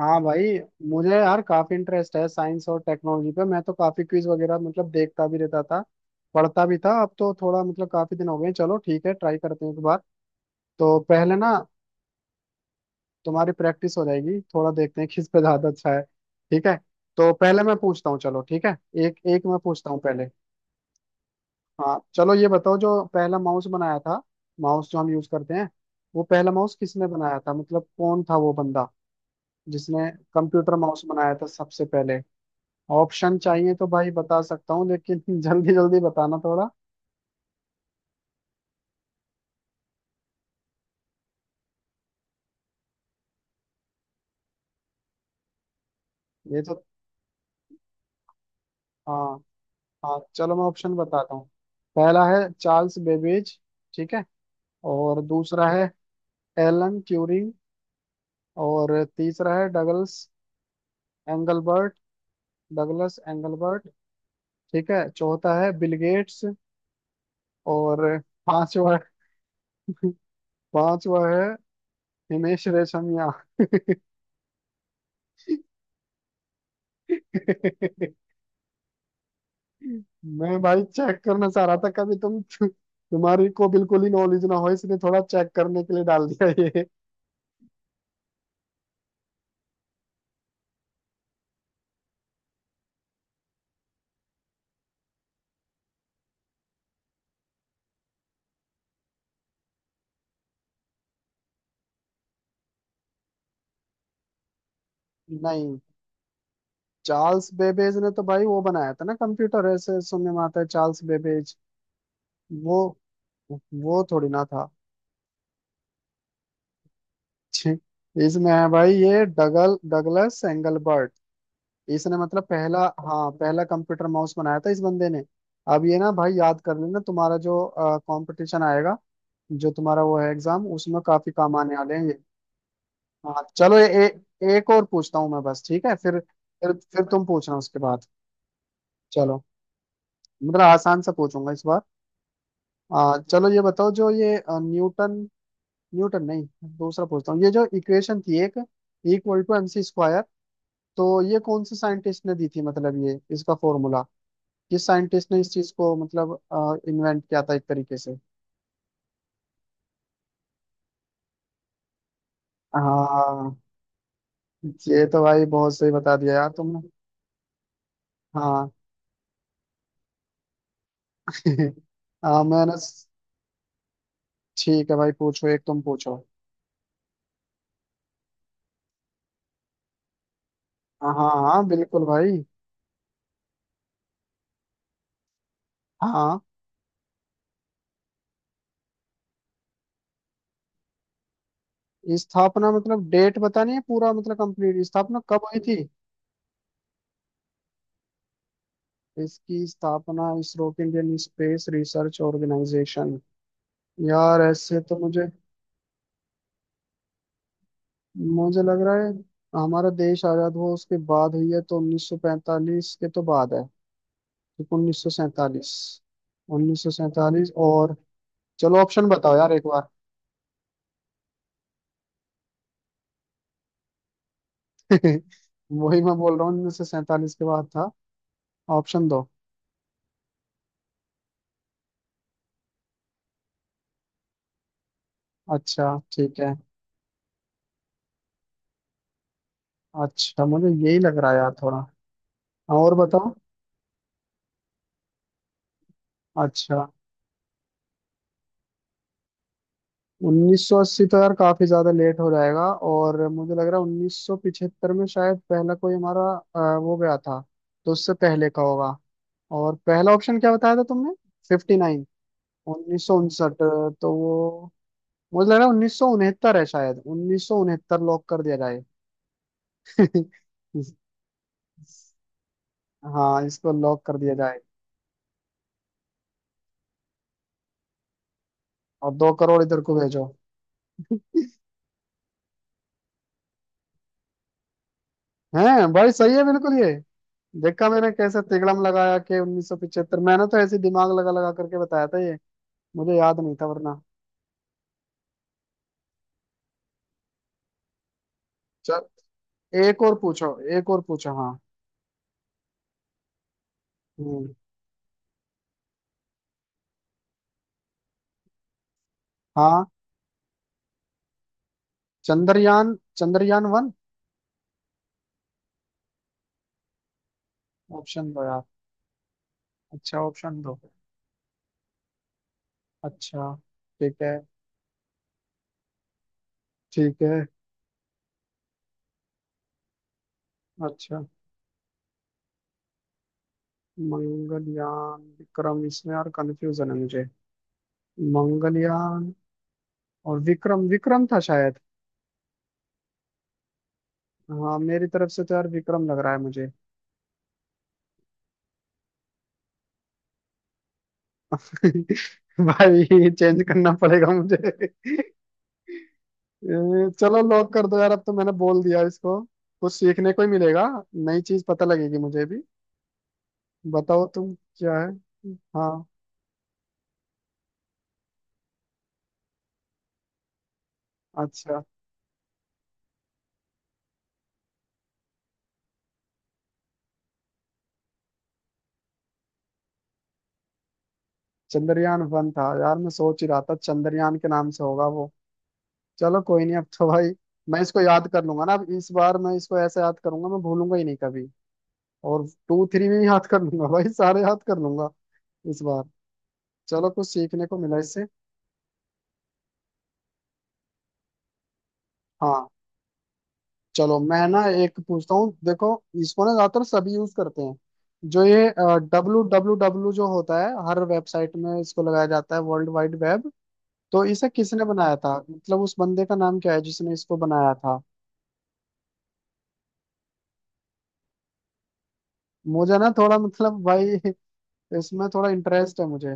हाँ भाई। मुझे यार काफी इंटरेस्ट है साइंस और टेक्नोलॉजी पे। मैं तो काफी क्विज वगैरह देखता भी रहता था, पढ़ता भी था। अब तो थोड़ा काफी दिन हो गए। चलो ठीक है, ट्राई करते हैं एक बार। तो पहले ना तुम्हारी प्रैक्टिस हो जाएगी, थोड़ा देखते हैं किस पे ज्यादा अच्छा है। ठीक है, तो पहले मैं पूछता हूँ। चलो ठीक है, एक एक मैं पूछता हूँ पहले। हाँ चलो, ये बताओ जो पहला माउस बनाया था, माउस जो हम यूज करते हैं, वो पहला माउस किसने बनाया था? मतलब कौन था वो बंदा जिसने कंप्यूटर माउस बनाया था सबसे पहले? ऑप्शन चाहिए तो भाई बता सकता हूँ, लेकिन जल्दी जल्दी बताना थोड़ा। ये तो हाँ हाँ, चलो मैं ऑप्शन बताता हूँ। पहला है चार्ल्स बेबेज, ठीक है, और दूसरा है एलन ट्यूरिंग, और तीसरा है डगलस एंगलबर्ट, डगलस एंगलबर्ट। ठीक है, चौथा है बिल गेट्स, और पांचवा, पांचवा है हिमेश रेशमिया। मैं भाई चेक करना चाह रहा था, कभी तुम्हारी को बिल्कुल ही नॉलेज ना हो, इसलिए थोड़ा चेक करने के लिए डाल दिया ये। नहीं, चार्ल्स बेबेज ने तो भाई वो बनाया था ना कंप्यूटर, ऐसे सुनने में आता है, चार्ल्स बेबेज। वो वो थोड़ी ना था। छी, इसमें है भाई ये डगलस एंगलबर्ट। इसने मतलब पहला, हाँ पहला कंप्यूटर माउस बनाया था इस बंदे ने। अब ये ना भाई याद कर लेना, तुम्हारा जो कंपटीशन आएगा, जो तुम्हारा वो है एग्जाम, उसमें काफी काम आने वाले हैं ये। हाँ चलो, एक और पूछता हूँ मैं बस, ठीक है? फिर तुम पूछना उसके बाद। चलो, मतलब आसान सा पूछूंगा इस बार। चलो ये बताओ, जो ये न्यूटन, न्यूटन नहीं, दूसरा पूछता हूँ। ये जो इक्वेशन थी, एक इक्वल टू एमसी स्क्वायर, तो ये कौन से साइंटिस्ट ने दी थी? मतलब ये इसका फॉर्मूला किस साइंटिस्ट ने इस चीज को इन्वेंट किया था एक तरीके से? हाँ, ये तो भाई बहुत सही बता दिया यार तुमने। हाँ। हाँ मैंने। ठीक है भाई, पूछो, एक तुम पूछो। हाँ हाँ हाँ, बिल्कुल भाई। हाँ। स्थापना मतलब डेट बतानी है पूरा? मतलब कंप्लीट स्थापना कब हुई थी? इसकी स्थापना, इसरो के, इंडियन स्पेस रिसर्च ऑर्गेनाइजेशन, यार ऐसे तो मुझे, मुझे लग रहा है हमारा देश आजाद हुआ उसके बाद हुई है, तो 1945 के तो बाद है। ठीक 1947, 1947 और, चलो ऑप्शन बताओ यार एक बार। वही मैं बोल रहा हूँ, 1947 के बाद था। ऑप्शन दो। अच्छा, ठीक है। अच्छा, मुझे यही लग रहा है यार, थोड़ा हाँ, और बताओ। अच्छा, 1980 तो यार काफी ज्यादा लेट हो जाएगा। और मुझे लग रहा है 1975 में शायद पहला कोई हमारा वो गया था, तो उससे पहले का होगा। और पहला ऑप्शन क्या बताया था तुमने? 59? 1959, तो वो, मुझे लग रहा है 1969 है शायद, 1969 लॉक कर दिया जाए। इस- हाँ, इसको लॉक कर दिया जाए। और दो करोड़ इधर को भेजो। हैं भाई, सही है बिल्कुल ये? देखा मैंने कैसे तिकड़म लगाया, कि 1975, मैंने तो ऐसे दिमाग लगा लगा करके बताया था ये, मुझे याद नहीं था वरना। चल, एक और पूछो, एक और पूछो हाँ। हम्म। हाँ। चंद्रयान, चंद्रयान वन। ऑप्शन दो यार। अच्छा, ऑप्शन दो। अच्छा, ठीक है। ठीक है। अच्छा, मंगलयान, विक्रम, इसमें यार कंफ्यूजन है मुझे, मंगलयान और विक्रम, विक्रम था शायद। हाँ मेरी तरफ से तो यार विक्रम लग रहा है मुझे। भाई ये चेंज करना पड़ेगा मुझे। चलो लॉक कर दो यार, अब तो मैंने बोल दिया इसको। कुछ सीखने को ही मिलेगा, नई चीज पता लगेगी मुझे भी। बताओ तुम क्या है। हाँ। अच्छा, चंद्रयान वन था यार, मैं सोच ही रहा था चंद्रयान के नाम से होगा वो। चलो कोई नहीं, अब तो भाई मैं इसको याद कर लूंगा ना, अब इस बार मैं इसको ऐसे याद करूंगा, मैं भूलूंगा ही नहीं कभी। और टू थ्री भी याद कर लूंगा भाई, सारे याद कर लूंगा इस बार। चलो कुछ सीखने को मिला इससे। हाँ चलो, मैं ना एक पूछता हूँ, देखो, इसको ना ज्यादातर सभी यूज करते हैं, जो ये डब्लू डब्लू डब्लू जो होता है हर वेबसाइट में, इसको लगाया जाता है, वर्ल्ड वाइड वेब। तो इसे किसने बनाया था? मतलब उस बंदे का नाम क्या है जिसने इसको बनाया था? मुझे ना थोड़ा भाई इसमें थोड़ा इंटरेस्ट है मुझे,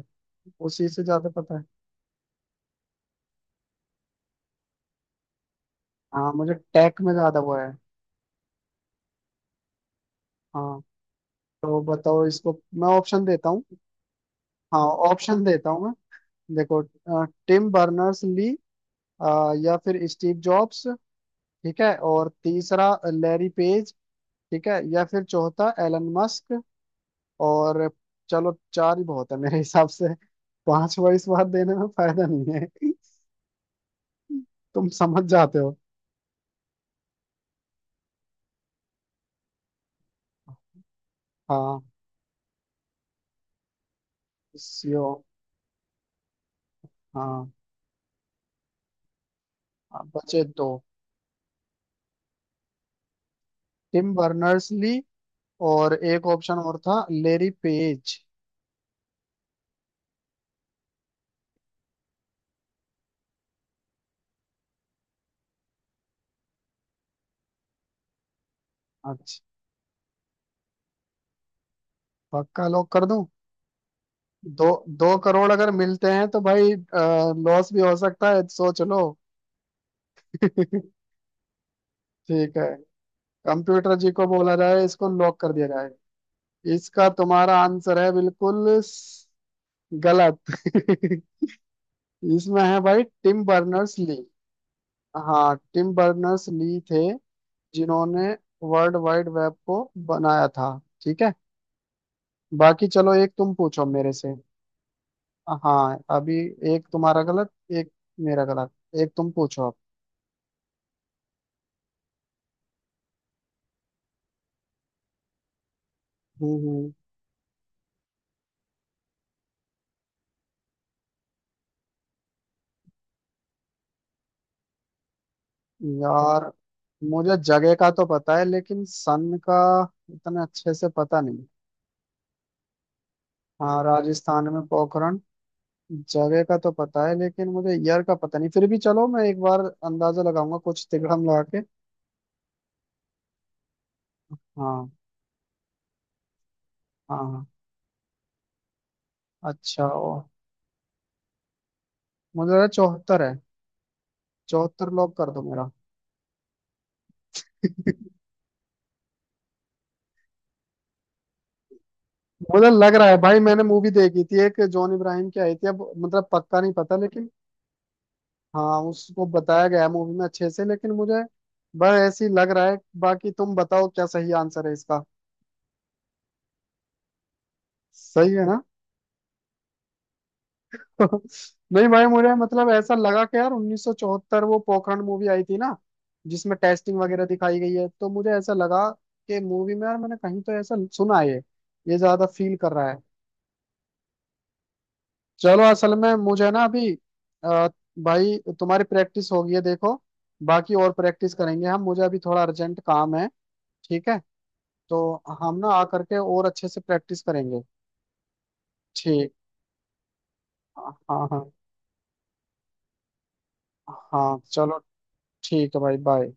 उसी से ज्यादा पता है। हाँ मुझे टेक में ज्यादा वो है। हाँ तो बताओ इसको, मैं ऑप्शन देता हूँ। हाँ, ऑप्शन देता हूँ मैं, देखो, टिम बर्नर्स ली, या फिर स्टीव जॉब्स, ठीक है, और तीसरा लैरी पेज, ठीक है, या फिर चौथा एलन मस्क। और चलो, चार ही बहुत है मेरे हिसाब से, पांचवा इस बार देने में फायदा नहीं है। तुम समझ जाते हो। हाँ। सीओ। हाँ, अब बचे दो, टिम बर्नर्स ली, और एक ऑप्शन और था लेरी पेज। अच्छा, पक्का लॉक कर दूं? दो, दो करोड़ अगर मिलते हैं तो भाई लॉस भी हो सकता है, सोच लो। ठीक है, कंप्यूटर जी को बोला जाए, इसको लॉक कर दिया जाए। इसका तुम्हारा आंसर है बिल्कुल गलत। इसमें है भाई टिम बर्नर्स ली। हाँ टिम बर्नर्स ली थे जिन्होंने वर्ल्ड वाइड वेब को बनाया था। ठीक है, बाकी चलो एक तुम पूछो मेरे से। हाँ अभी, एक तुम्हारा गलत, एक मेरा गलत, एक तुम पूछो अब। हम्म हम्म, यार मुझे जगह का तो पता है लेकिन सन का इतना अच्छे से पता नहीं। हाँ, राजस्थान में पोखरण, जगह का तो पता है लेकिन मुझे ईयर का पता नहीं। फिर भी चलो मैं एक बार अंदाजा लगाऊंगा, कुछ तिकड़म लगा के। हाँ हाँ हाँ। अच्छा ओ, मुझे लगा चौहत्तर है। चौहत्तर लॉक कर दो मेरा। मुझे लग रहा है भाई, मैंने मूवी देखी थी एक जॉन इब्राहिम की आई थी, अब मतलब पक्का नहीं पता लेकिन, हाँ, उसको बताया गया है मूवी में अच्छे से। लेकिन मुझे बस ऐसी लग रहा है, बाकी तुम बताओ क्या सही आंसर है इसका। सही है ना? नहीं भाई मुझे मतलब ऐसा लगा कि यार 1974 वो पोखरण मूवी आई थी ना, जिसमें टेस्टिंग वगैरह दिखाई गई है, तो मुझे ऐसा लगा कि मूवी में यार मैंने कहीं तो ऐसा सुना है, ये ज्यादा फील कर रहा है। चलो, असल में मुझे ना अभी अ, भाई तुम्हारी प्रैक्टिस हो गई है देखो, बाकी और प्रैक्टिस करेंगे हम, मुझे अभी थोड़ा अर्जेंट काम है। ठीक है, तो हम ना आ करके और अच्छे से प्रैक्टिस करेंगे। ठीक। हाँ हाँ। हाँ चलो। ठीक है भाई, बाय।